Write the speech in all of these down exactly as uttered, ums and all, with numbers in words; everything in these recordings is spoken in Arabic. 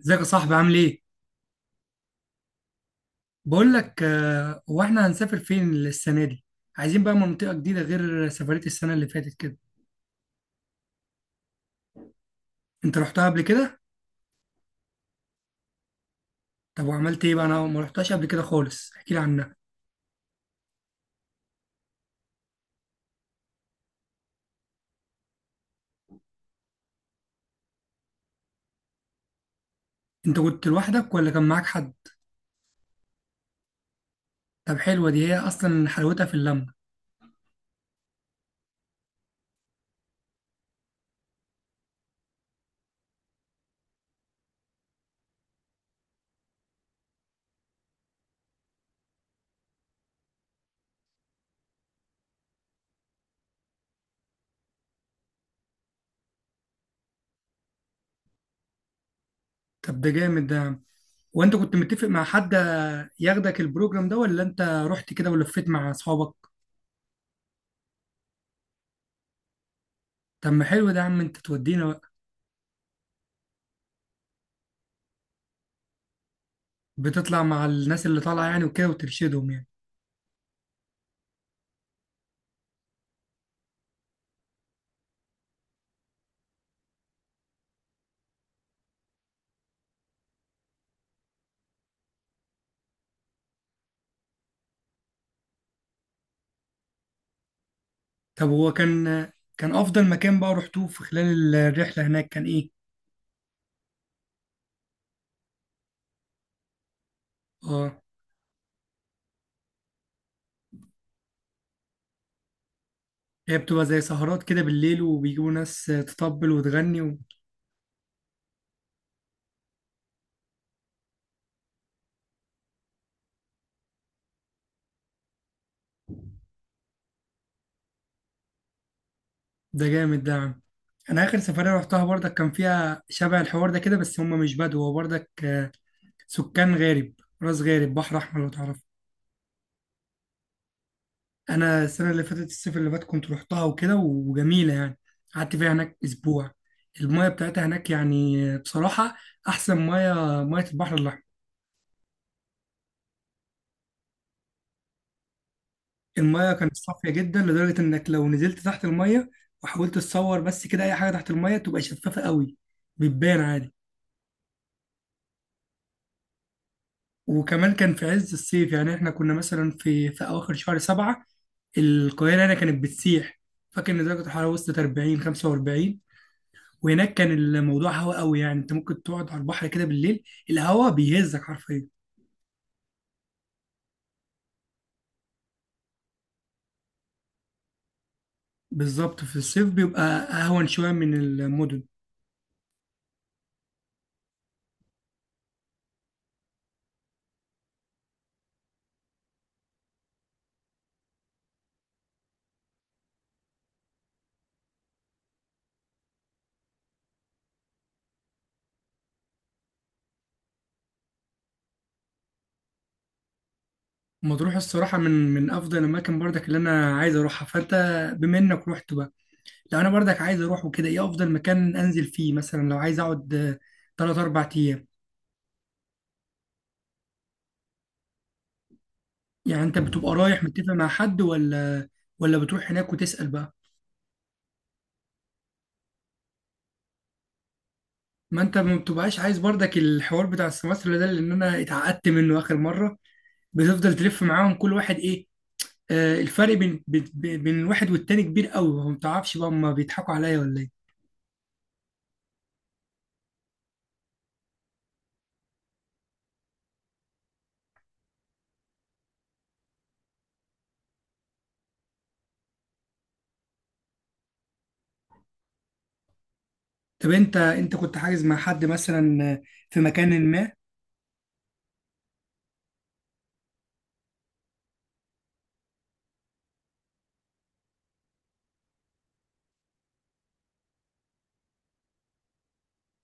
ازيك يا صاحبي عامل ايه؟ بقول لك آه، هو احنا هنسافر فين السنة دي؟ عايزين بقى منطقة جديدة غير سفرية السنة اللي فاتت كده، انت رحتها قبل كده؟ طب وعملت ايه بقى؟ انا ما رحتهاش قبل كده خالص، احكي لي عنها، انت كنت لوحدك ولا كان معاك حد؟ طب حلوة دي هي اصلا حلاوتها في اللمة، طب ده جامد ده، يا عم. وانت كنت متفق مع حد ياخدك البروجرام ده ولا انت رحت كده ولفيت مع اصحابك؟ طب ما حلو ده يا عم انت تودينا بقى، بتطلع مع الناس اللي طالعة يعني وكده وترشدهم يعني. طب هو كان كان افضل مكان بقى رحتوه في خلال الرحله هناك كان ايه اه هي بتبقى زي سهرات كده بالليل وبيجيبوا ناس تطبل وتغني و ده جامد ده يا عم. انا اخر سفريه رحتها برضك كان فيها شبه الحوار ده كده بس هم مش بدو هو برضك آه، سكان غارب راس غارب بحر احمر لو تعرف. انا السنه اللي فاتت الصيف اللي فات كنت رحتها وكده وجميله يعني قعدت فيها هناك اسبوع. المايه بتاعتها هناك يعني بصراحه احسن مايه، مايه البحر الاحمر. المايه كانت صافيه جدا لدرجه انك لو نزلت تحت المايه وحاولت تصور بس كده اي حاجه تحت المايه تبقى شفافه قوي، بتبان عادي. وكمان كان في عز الصيف، يعني احنا كنا مثلا في في اواخر شهر سبعة، القاهره هنا كانت بتسيح. فاكر ان درجه الحراره وصلت اربعين خمسة وأربعين. وهناك كان الموضوع هوا قوي، يعني انت ممكن تقعد على البحر كده بالليل، الهوا بيهزك حرفيا. بالظبط في الصيف بيبقى اهون شويه من المدن. مطروح الصراحة من من أفضل الأماكن برضك اللي أنا عايز أروحها، فأنت بما إنك رحت بقى، لو أنا برضك عايز أروح وكده، إيه أفضل مكان أنزل فيه مثلا لو عايز أقعد آه، تلات أربع أيام؟ يعني أنت بتبقى رايح متفق مع حد ولا ولا بتروح هناك وتسأل بقى؟ ما أنت ما بتبقاش عايز برضك الحوار بتاع السمسرة ده، لأن أنا اتعقدت منه آخر مرة. بتفضل تلف معاهم كل واحد إيه، آه، الفرق بين بين بين الواحد والتاني كبير قوي، ما بتعرفش بقى هما بيضحكوا عليا ولا إيه؟ طب انت انت كنت حاجز مع حد مثلا في مكان ما؟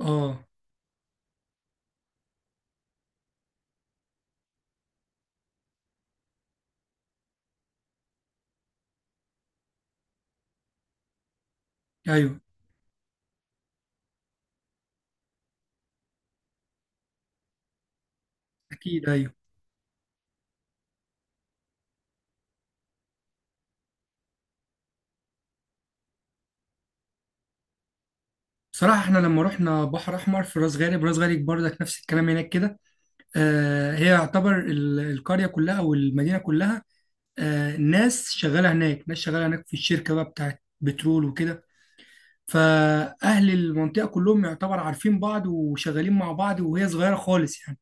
اه ايوه اكيد ايوه. بصراحه احنا لما رحنا بحر احمر في راس غارب، راس غارب برضك نفس الكلام هناك كده، آه هي يعتبر ال- القريه كلها او المدينه كلها، آه ناس شغاله هناك، ناس شغاله هناك في الشركه بقى بتاعت بترول وكده، فاهل المنطقه كلهم يعتبر عارفين بعض وشغالين مع بعض، وهي صغيره خالص يعني.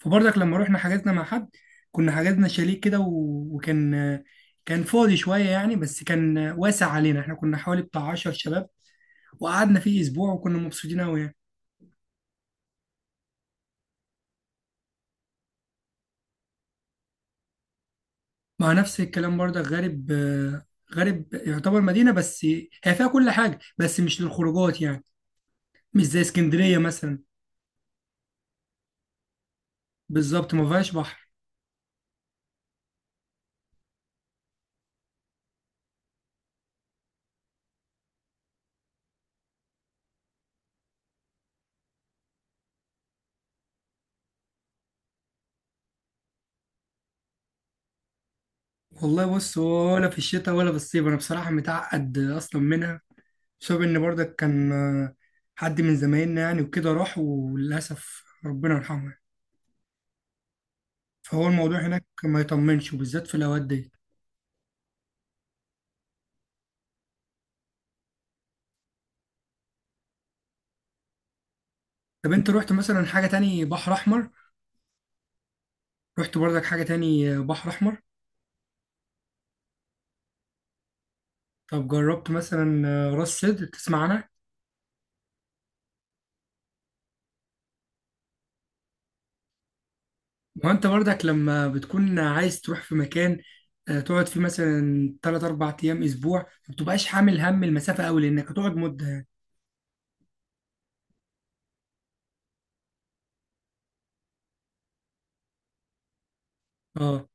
فبرضك لما رحنا حجزنا مع حد، كنا حجزنا شاليه كده و- وكان كان فاضي شوية يعني، بس كان واسع علينا، احنا كنا حوالي بتاع عشر شباب وقعدنا فيه أسبوع وكنا مبسوطين أوي يعني. مع نفس الكلام برضك غارب، آه، غارب يعتبر مدينة بس، هي فيها كل حاجة بس مش للخروجات يعني، مش زي اسكندرية مثلا، بالظبط ما فيهاش بحر. والله بص ولا في الشتاء ولا في الصيف أنا بصراحة متعقد أصلا منها بسبب ان برضك كان آه، حد من زمايلنا يعني وكده راح وللاسف ربنا يرحمه يعني. فهو الموضوع هناك ما يطمنش وبالذات في الاوقات دي. طب انت رحت مثلا حاجه تاني بحر احمر؟ رحت برضك حاجه تاني بحر احمر؟ طب جربت مثلا آه، راس سدر تسمع عنها؟ ما انت برضك لما بتكون عايز تروح في مكان آه، تقعد فيه مثلا ثلاثة أربعة ايام اسبوع، ما بتبقاش حامل هم المسافه قوي لانك هتقعد مده يعني. اه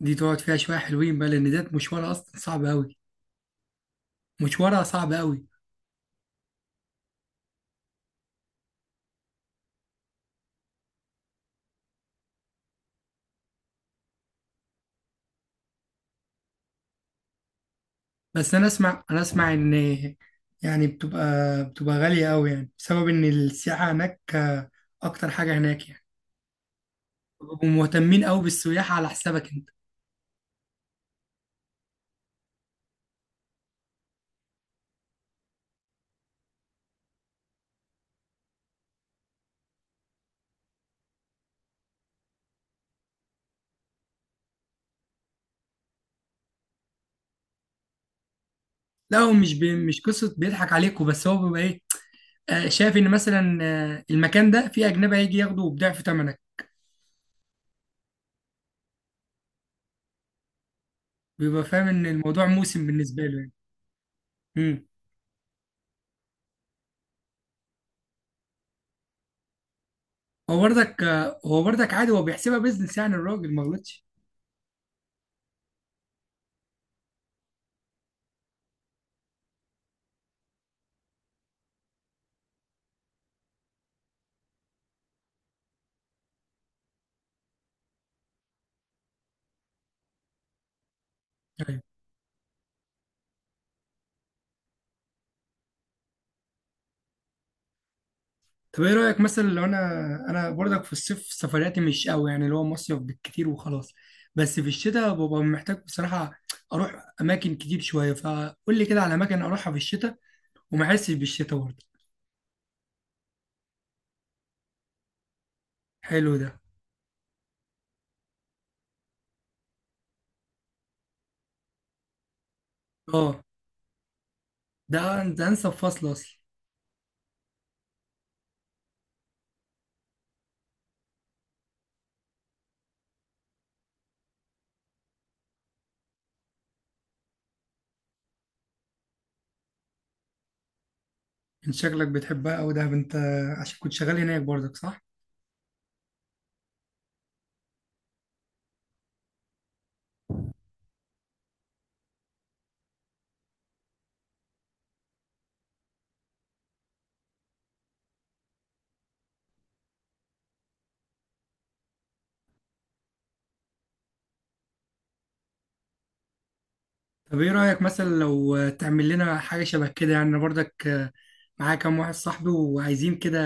دي تقعد فيها شويه حلوين بقى لان ده مشوارها اصلا صعب قوي، مشوارها صعب قوي. بس انا اسمع انا اسمع ان، يعني بتبقى بتبقى غالية قوي يعني بسبب ان السياحة هناك آه، اكتر حاجة هناك يعني، بيبقوا مهتمين قوي بالسياحة على حسابك انت. لا هو مش بي مش قصة بيضحك عليكوا، بس هو بيبقى ايه، آه، شايف ان مثلا آه، المكان ده فيه اجنبي هيجي ياخده بضعف ثمنك، بيبقى فاهم ان الموضوع موسم بالنسبة له يعني. امم هو برضك آه، هو برضك عادي هو بيحسبها بيزنس يعني، الراجل ما غلطش. طيب. طب ايه رأيك مثلا لو انا، انا برضك في الصيف سفرياتي مش قوي يعني، اللي هو مصيف بالكتير وخلاص، بس في الشتاء ببقى محتاج بصراحة اروح اماكن كتير شوية، فقول لي كده على اماكن اروحها في الشتاء وما احسش بالشتاء برضه. حلو ده. اه ده ده انسب فصل اصلا. من شكلك بتحبها او ده انت عشان كنت شغال هناك برضك، صح؟ طب ايه رأيك مثلا لو تعمل لنا حاجة شبه كده يعني، أنا برضك آه، معايا كام واحد صاحبي وعايزين كده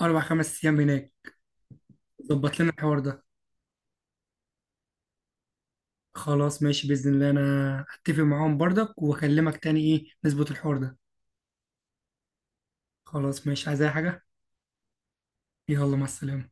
اربع خمس ايام هناك، ظبط لنا الحوار ده. خلاص ماشي بإذن الله، أنا أتفق معاهم برضك وأكلمك تاني إيه نظبط الحوار ده. خلاص ماشي، عايز أي حاجة؟ يلا مع السلامة.